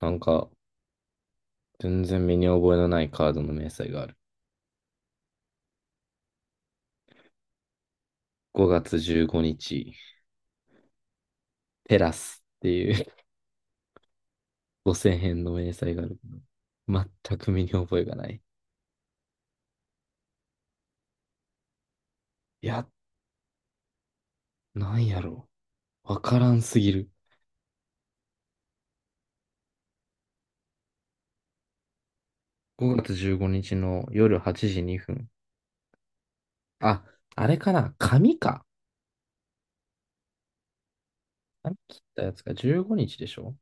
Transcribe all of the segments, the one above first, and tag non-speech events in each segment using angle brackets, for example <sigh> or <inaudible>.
なんか、全然身に覚えのないカードの明細がある。5月15日、テラスっていう <laughs> 5000円の明細があるけど、全く身に覚えがない。いや、なんやろう。わからんすぎる。5月15日の夜8時2分。あ、あれかな紙か。紙切ったやつが15日でしょ。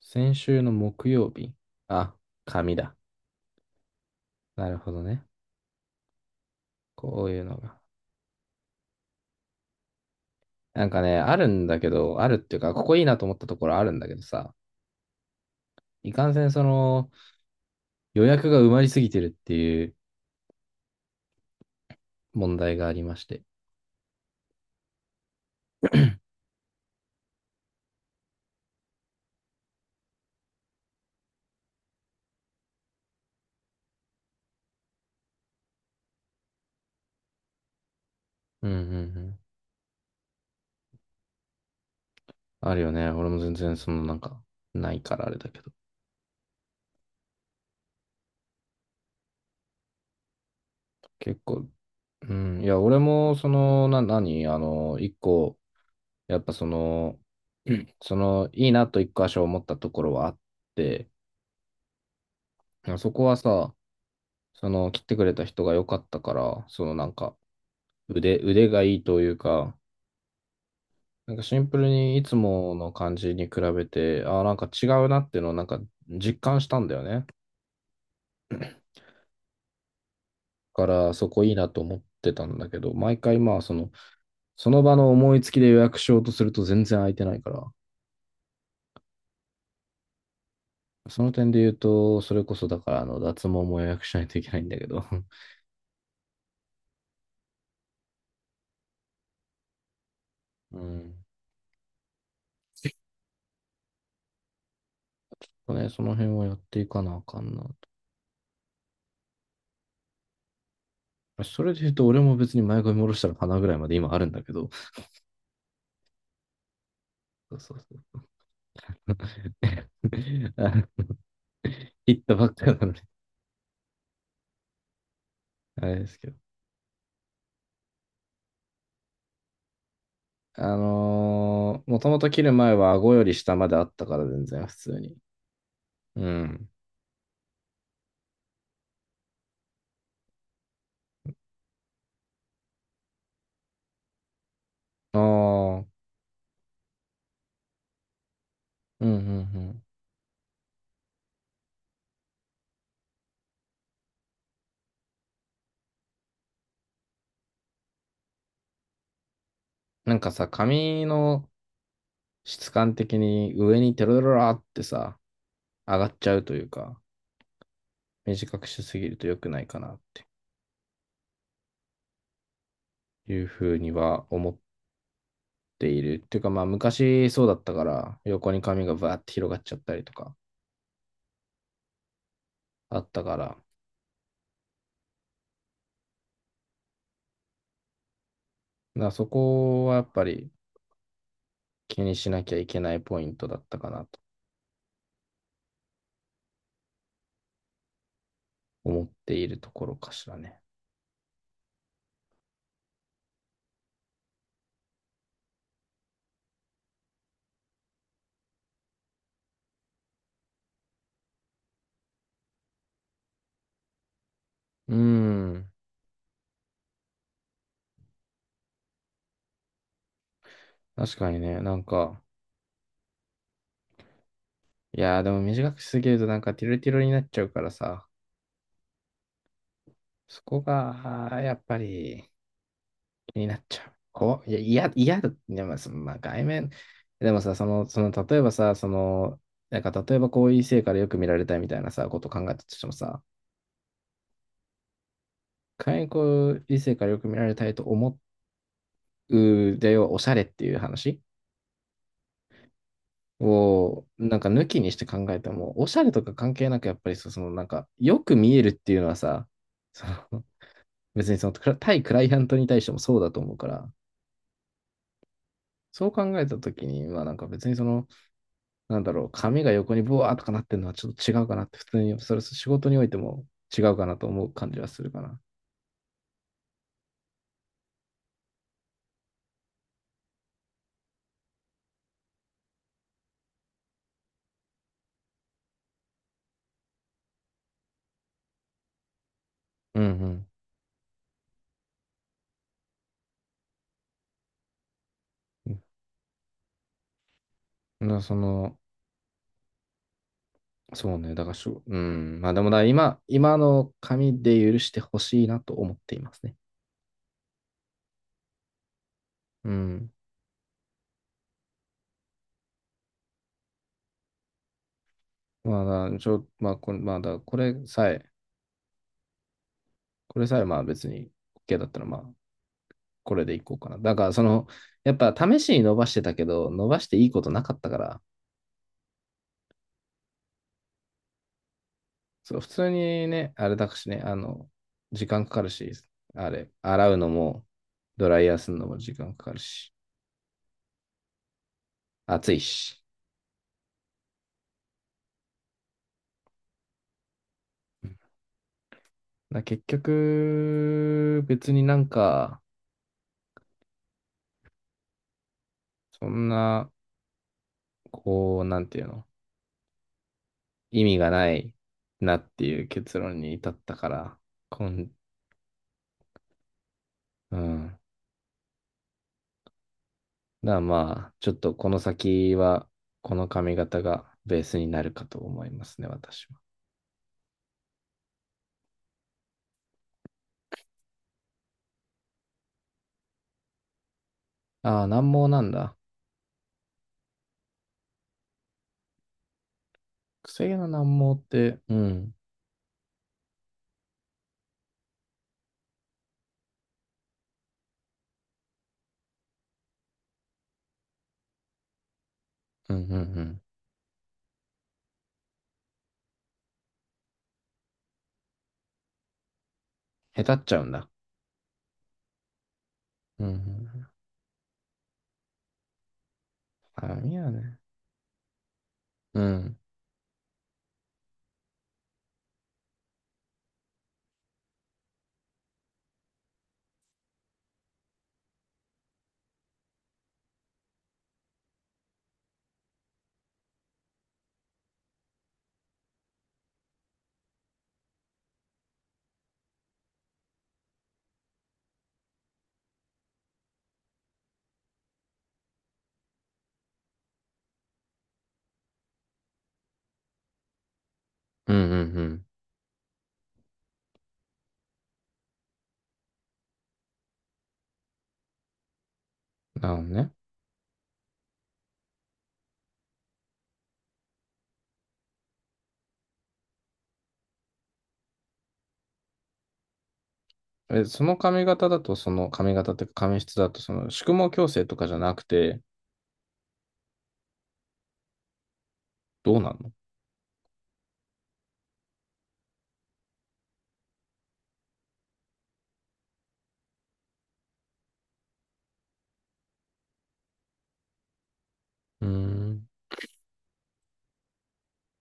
先週の木曜日。あ、紙だ。なるほどね。こういうのが。なんかね、あるんだけど、あるっていうか、ここいいなと思ったところあるんだけどさ、いかんせん、予約が埋まりすぎてるっていう問題がありまして。うんうんうん。あるよね。俺も全然、ないからあれだけど。結構、うん。いや、俺も、その、な、何あの、一個、やっぱ、<clears throat> いいなと一箇所思ったところはあって、そこはさ、切ってくれた人が良かったから、腕がいいというか、なんかシンプルにいつもの感じに比べて、ああ、なんか違うなっていうのをなんか実感したんだよね。だからそこいいなと思ってたんだけど、毎回その場の思いつきで予約しようとすると全然空いてないから、その点で言うと、それこそだから脱毛も予約しないといけないんだけど、<laughs> うん。ね、その辺はやっていかなあかんなと。それで言うと、俺も別に前髪下ろしたら鼻ぐらいまで今あるんだけど、そうそうそう。<laughs> あの切ったばっかなのに、あれですけど。もともと切る前は顎より下まであったから全然普通に。うん。ああ、うんうんうん。なんかさ、髪の質感的に上にテロロラってさ、上がっちゃうというか、短くしすぎると良くないかなっていうふうには思っている。っていうかまあ昔そうだったから、横に髪がバーって広がっちゃったりとかあったから、だからそこはやっぱり気にしなきゃいけないポイントだったかなと思っているところかしらね。うーん。確かにね、なんか、いやーでも短くしすぎるとなんかティロティロになっちゃうからさ、そこが、あーやっぱり気になっちゃう。こう、いや、嫌嫌だ。でも、そのまあ、外面、でもさ、例えばさ、なんか、例えばこういう異性からよく見られたいみたいなさ、ことを考えたとしてもさ、仮にこういう異性からよく見られたいと思うでよ、おしゃれっていう話を、なんか抜きにして考えても、おしゃれとか関係なく、やっぱりその、なんか、よく見えるっていうのはさ、その、別にその、対クライアントに対してもそうだと思うから、そう考えたときに、まあなんか別になんだろう、髪が横にボワーとかなってるのはちょっと違うかなって、普通に、それ仕事においても違うかなと思う感じはするかな。うんうん。うんなそうね、だからしょ、うん、まあでもだ、今の紙で許してほしいなと思っていますね。うん。まあ、まあ、これさえ、まあ別に OK だったら、まあ、これでいこうかな。だから、やっぱ試しに伸ばしてたけど、伸ばしていいことなかったから、そう、普通にね、あれだしね、時間かかるし、あれ、洗うのも、ドライヤーするのも時間かかるし、暑いし。結局、別になんか、そんな、こう、なんていうの、意味がないなっていう結論に至ったから、今うん。だからまあ、ちょっとこの先は、この髪型がベースになるかと思いますね、私は。ああ、難毛なんだ。癖毛の難毛って、うん、うん、うん、うん。へたっちゃうんだ。うん、うん。髪はね。うん、うん、うん、うん。なるほどね。え、その髪型だと、その髪型っていうか髪質だと、その宿毛矯正とかじゃなくて、どうなんの。うーん。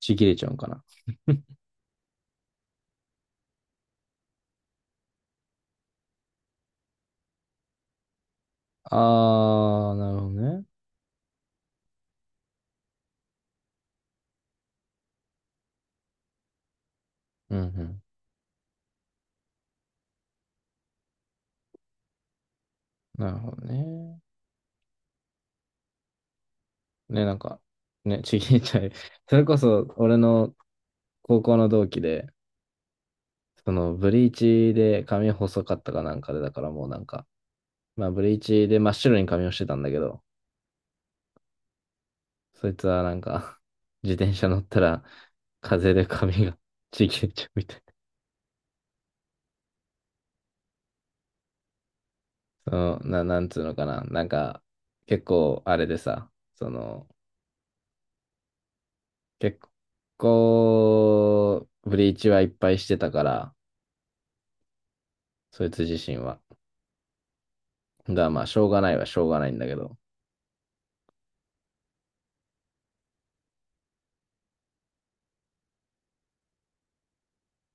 ちぎれちゃうんかな。ああ、なるほどね。うん、うん。なるほどね。ね、なんか、ね、ちぎっちゃい。<laughs> それこそ、俺の高校の同期で、ブリーチで髪細かったかなんかで、だからもうなんか、まあ、ブリーチで真っ白に髪をしてたんだけど、そいつはなんか、<laughs> 自転車乗ったら、風で髪が <laughs> ちぎれちゃうみたいな。なんつうのかな。なんか、結構、あれでさ、結構、ブリーチはいっぱいしてたから、そいつ自身は。が、まあ、しょうがないはしょうがないんだけど、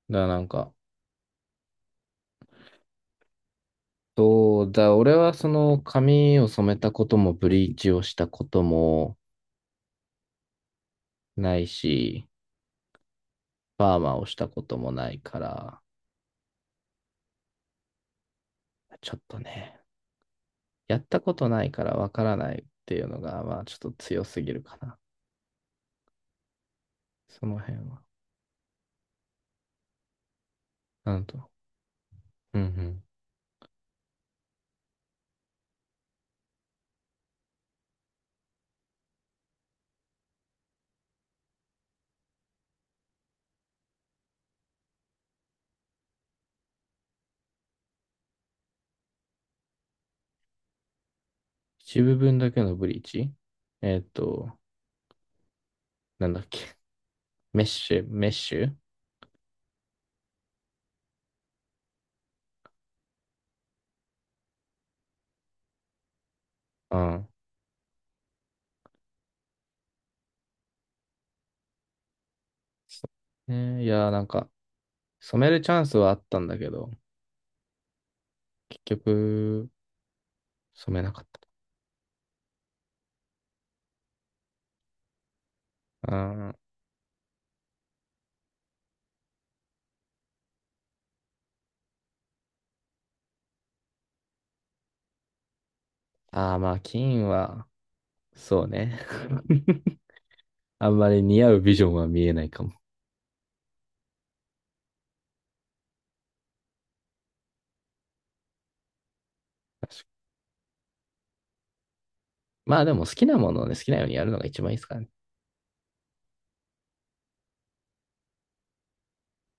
だからなんか、そうだ、俺はその髪を染めたこともブリーチをしたこともないし、パーマをしたこともないから、ちょっとね、やったことないからわからないっていうのが、まあちょっと強すぎるかな。その辺は。なんと、うんうん。一部分だけのブリーチ。えーっと、なんだっけ。メッシュ、メッシュうん。ねいやーなんか、染めるチャンスはあったんだけど、結局、染めなかった。うんああ、まあ、金は、そうね。<laughs> あんまり似合うビジョンは見えないかも。確かに。まあでも好きなものをね、好きなようにやるのが一番いいですからね。